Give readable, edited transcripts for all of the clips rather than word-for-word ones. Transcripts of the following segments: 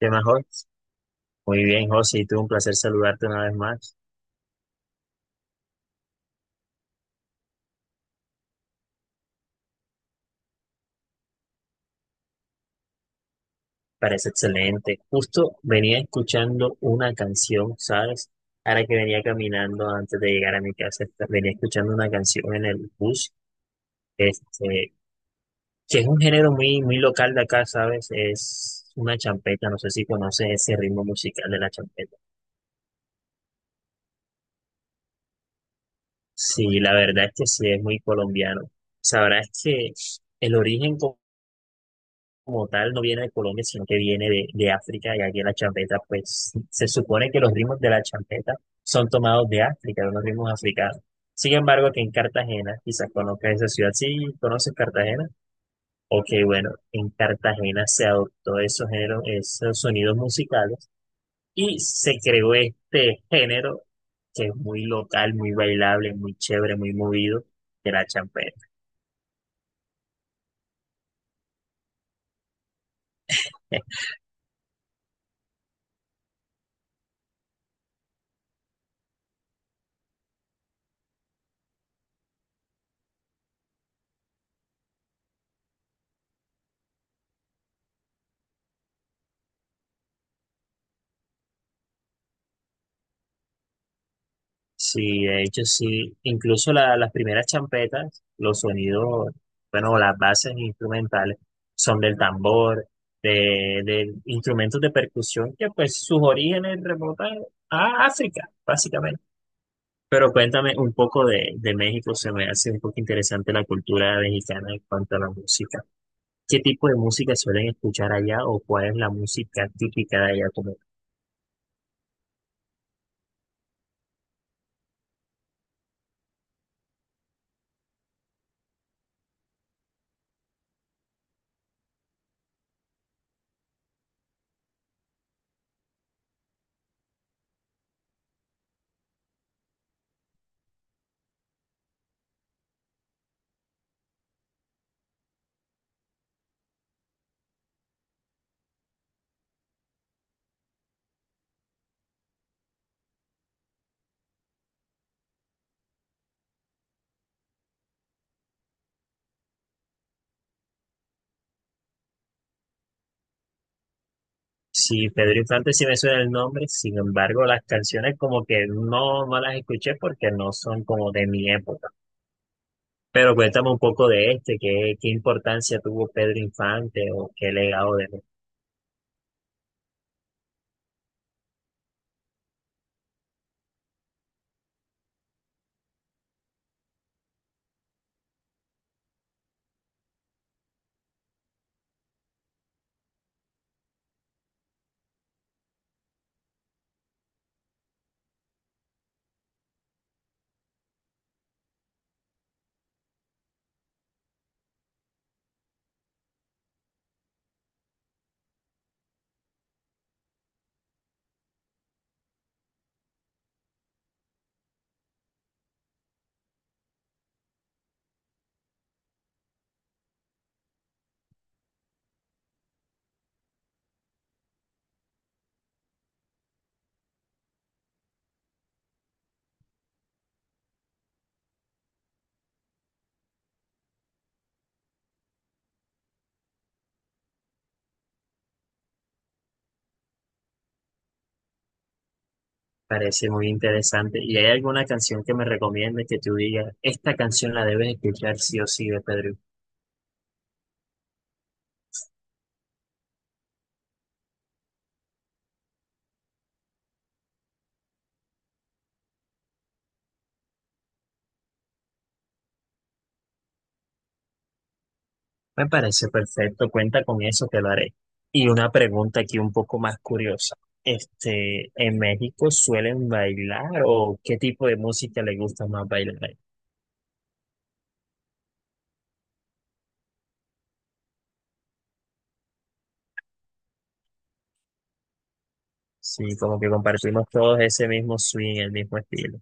¿Qué más, Jos? Muy bien, José, y tú un placer saludarte una vez más. Parece excelente. Justo venía escuchando una canción, ¿sabes? Ahora que venía caminando antes de llegar a mi casa, venía escuchando una canción en el bus, este, que es un género muy, muy local de acá, ¿sabes? Es una champeta, no sé si conoces ese ritmo musical de la champeta. Sí, la verdad es que sí, es muy colombiano. Sabrás que el origen como tal no viene de Colombia, sino que viene de África, y aquí en la champeta, pues se supone que los ritmos de la champeta son tomados de África, de unos ritmos africanos. Sin embargo, que en Cartagena, quizás conozcas esa ciudad, si ¿conoces Cartagena? Ok, bueno, en Cartagena se adoptó esos géneros, esos sonidos musicales y se creó este género que es muy local, muy bailable, muy chévere, muy movido, de la champeta. Sí, de hecho sí, incluso las primeras champetas, los sonidos, bueno, las bases instrumentales son del tambor, de instrumentos de percusión que pues sus orígenes remontan a África, básicamente. Pero cuéntame un poco de México, se me hace un poco interesante la cultura mexicana en cuanto a la música. ¿Qué tipo de música suelen escuchar allá o cuál es la música típica de allá? Sí, Pedro Infante sí me suena el nombre, sin embargo, las canciones como que no, no las escuché porque no son como de mi época. Pero cuéntame un poco de este, qué, qué importancia tuvo Pedro Infante o qué legado de él. Parece muy interesante. ¿Y hay alguna canción que me recomiendes que tú digas, esta canción la debes escuchar sí o sí de Pedro? Me parece perfecto, cuenta con eso, te lo haré. Y una pregunta aquí un poco más curiosa. Este, ¿en México suelen bailar o qué tipo de música les gusta más bailar ahí? Sí, como que compartimos todos ese mismo swing, el mismo estilo.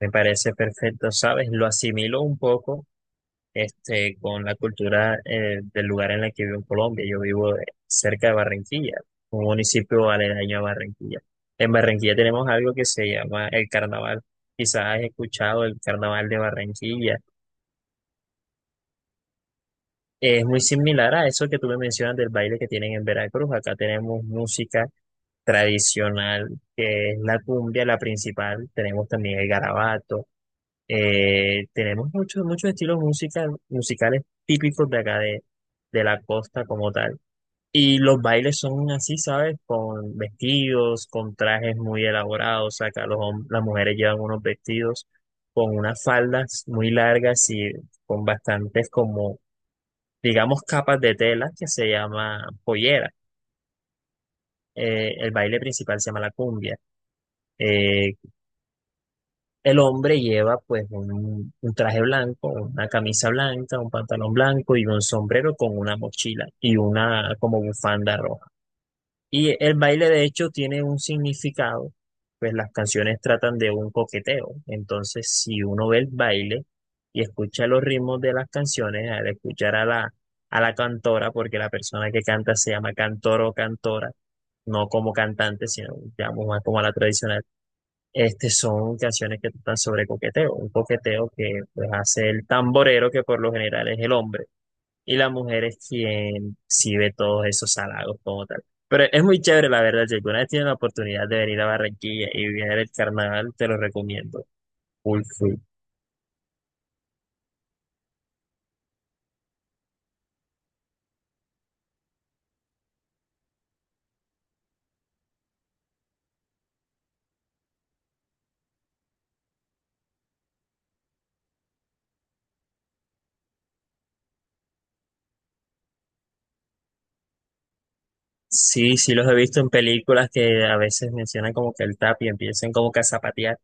Me parece perfecto, ¿sabes? Lo asimilo un poco este, con la cultura del lugar en el que vivo en Colombia. Yo vivo cerca de Barranquilla, un municipio aledaño a Barranquilla. En Barranquilla tenemos algo que se llama el carnaval. Quizás has escuchado el carnaval de Barranquilla. Es muy similar a eso que tú me mencionas del baile que tienen en Veracruz. Acá tenemos música tradicional, que es la cumbia, la principal. Tenemos también el garabato. Tenemos muchos muchos estilos musical, musicales típicos de acá de la costa como tal. Y los bailes son así, ¿sabes? Con vestidos, con trajes muy elaborados. O sea, acá los, las mujeres llevan unos vestidos con unas faldas muy largas y con bastantes como, digamos, capas de tela que se llama pollera. El baile principal se llama la cumbia. Eh, El hombre lleva pues un traje blanco, una camisa blanca, un pantalón blanco y un sombrero con una mochila y una como bufanda roja. Y el baile de hecho tiene un significado, pues las canciones tratan de un coqueteo. Entonces, si uno ve el baile y escucha los ritmos de las canciones, al escuchar a la cantora, porque la persona que canta se llama cantor o cantora, no como cantante, sino digamos más como a la tradicional, este son canciones que tratan sobre coqueteo, un coqueteo que pues, hace el tamborero, que por lo general es el hombre, y la mujer es quien sí ve todos esos halagos como tal. Pero es muy chévere, la verdad. Si alguna vez tienes la oportunidad de venir a Barranquilla y vivir el carnaval, te lo recomiendo. Full, full. Sí, sí los he visto en películas que a veces mencionan como que el tap y empiezan como que a zapatear.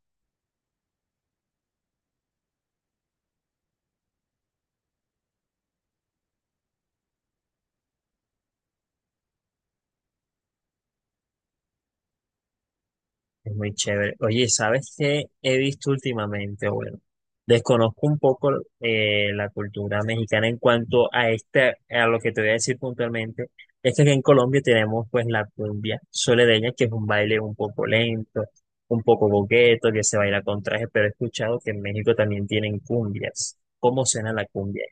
Es muy chévere. Oye, ¿sabes qué he visto últimamente? Bueno, desconozco un poco la cultura mexicana en cuanto a este, a lo que te voy a decir puntualmente. Es que aquí en Colombia tenemos pues la cumbia soledeña, que es un baile un poco lento, un poco boqueto, que se baila con traje, pero he escuchado que en México también tienen cumbias. ¿Cómo suena la cumbia?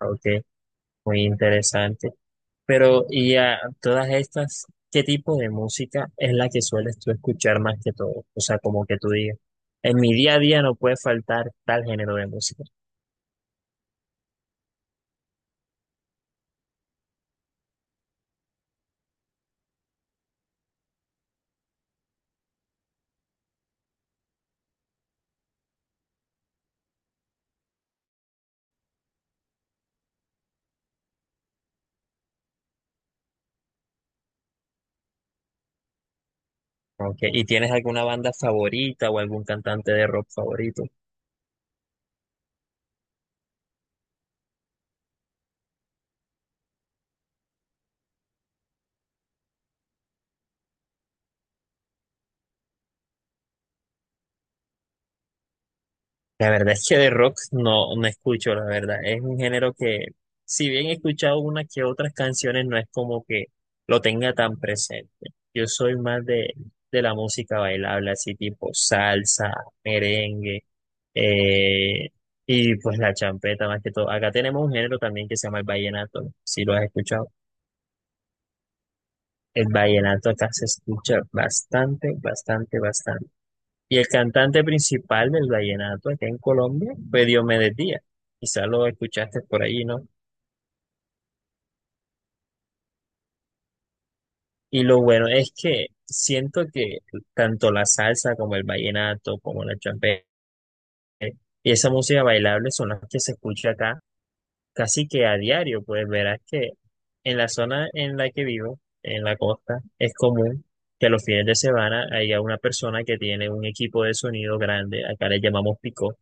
Ok, muy interesante. Pero, y a todas estas, ¿qué tipo de música es la que sueles tú escuchar más que todo? O sea, como que tú digas, en mi día a día no puede faltar tal género de música. Ok, ¿y tienes alguna banda favorita o algún cantante de rock favorito? La verdad es que de rock no, no escucho, la verdad. Es un género que, si bien he escuchado unas que otras canciones, no es como que lo tenga tan presente. Yo soy más de la música bailable, así tipo salsa, merengue, eh, y pues la champeta más que todo. Acá tenemos un género también que se llama el vallenato, ¿no? Si lo has escuchado. El vallenato acá se escucha bastante, bastante, bastante. Y el cantante principal del vallenato acá en Colombia fue Diomedes Díaz. Quizás lo escuchaste por ahí, ¿no? Y lo bueno es que siento que tanto la salsa como el vallenato, como la champeta y esa música bailable son las que se escucha acá casi que a diario. Pues verás que en la zona en la que vivo, en la costa, es común que los fines de semana haya una persona que tiene un equipo de sonido grande, acá le llamamos picó,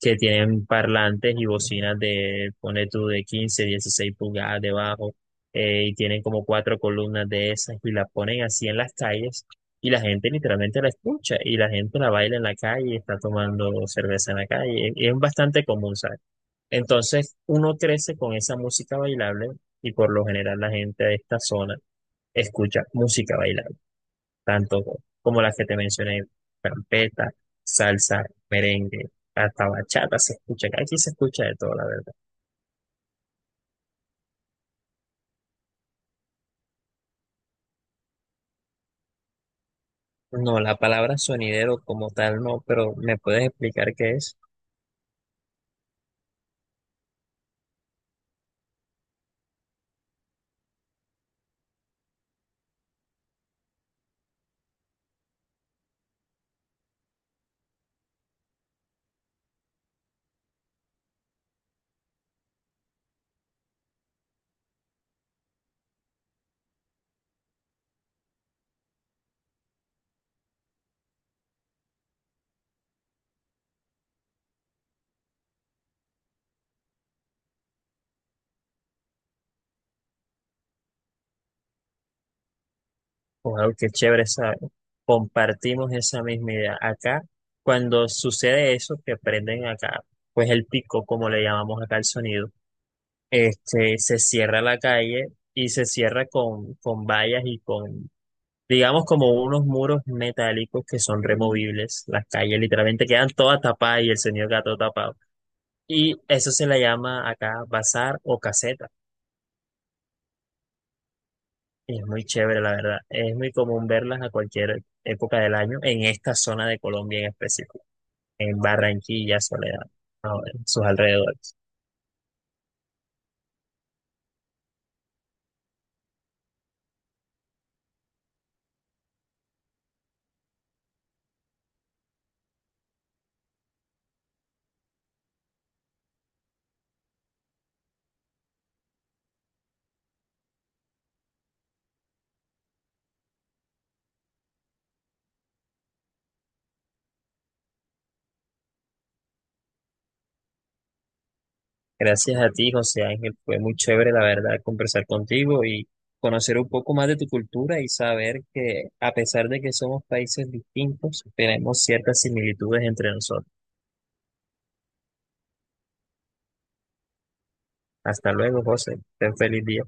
que tienen parlantes y bocinas de, pone tú, de 15 16 pulgadas debajo, y tienen como 4 columnas de esas y las ponen así en las calles y la gente literalmente la escucha y la gente la baila en la calle, está tomando cerveza en la calle, y es bastante común, ¿sabes? Entonces uno crece con esa música bailable y por lo general la gente de esta zona escucha música bailable tanto como las que te mencioné, carpeta, salsa, merengue, hasta bachata se escucha, que aquí se escucha de todo, la verdad. No, la palabra sonidero como tal no, pero ¿me puedes explicar qué es? O algo que es chévere, ¿sabes? Compartimos esa misma idea. Acá, cuando sucede eso, que prenden acá, pues el pico, como le llamamos acá el sonido, este, se cierra la calle y se cierra con vallas y con, digamos, como unos muros metálicos que son removibles. Las calles literalmente quedan todas tapadas y el señor gato tapado. Y eso se le llama acá bazar o caseta. Y es muy chévere, la verdad. Es muy común verlas a cualquier época del año en esta zona de Colombia en específico, en Barranquilla, Soledad, en sus alrededores. Gracias a ti, José Ángel. Fue muy chévere, la verdad, conversar contigo y conocer un poco más de tu cultura y saber que a pesar de que somos países distintos, tenemos ciertas similitudes entre nosotros. Hasta luego, José. Ten feliz día.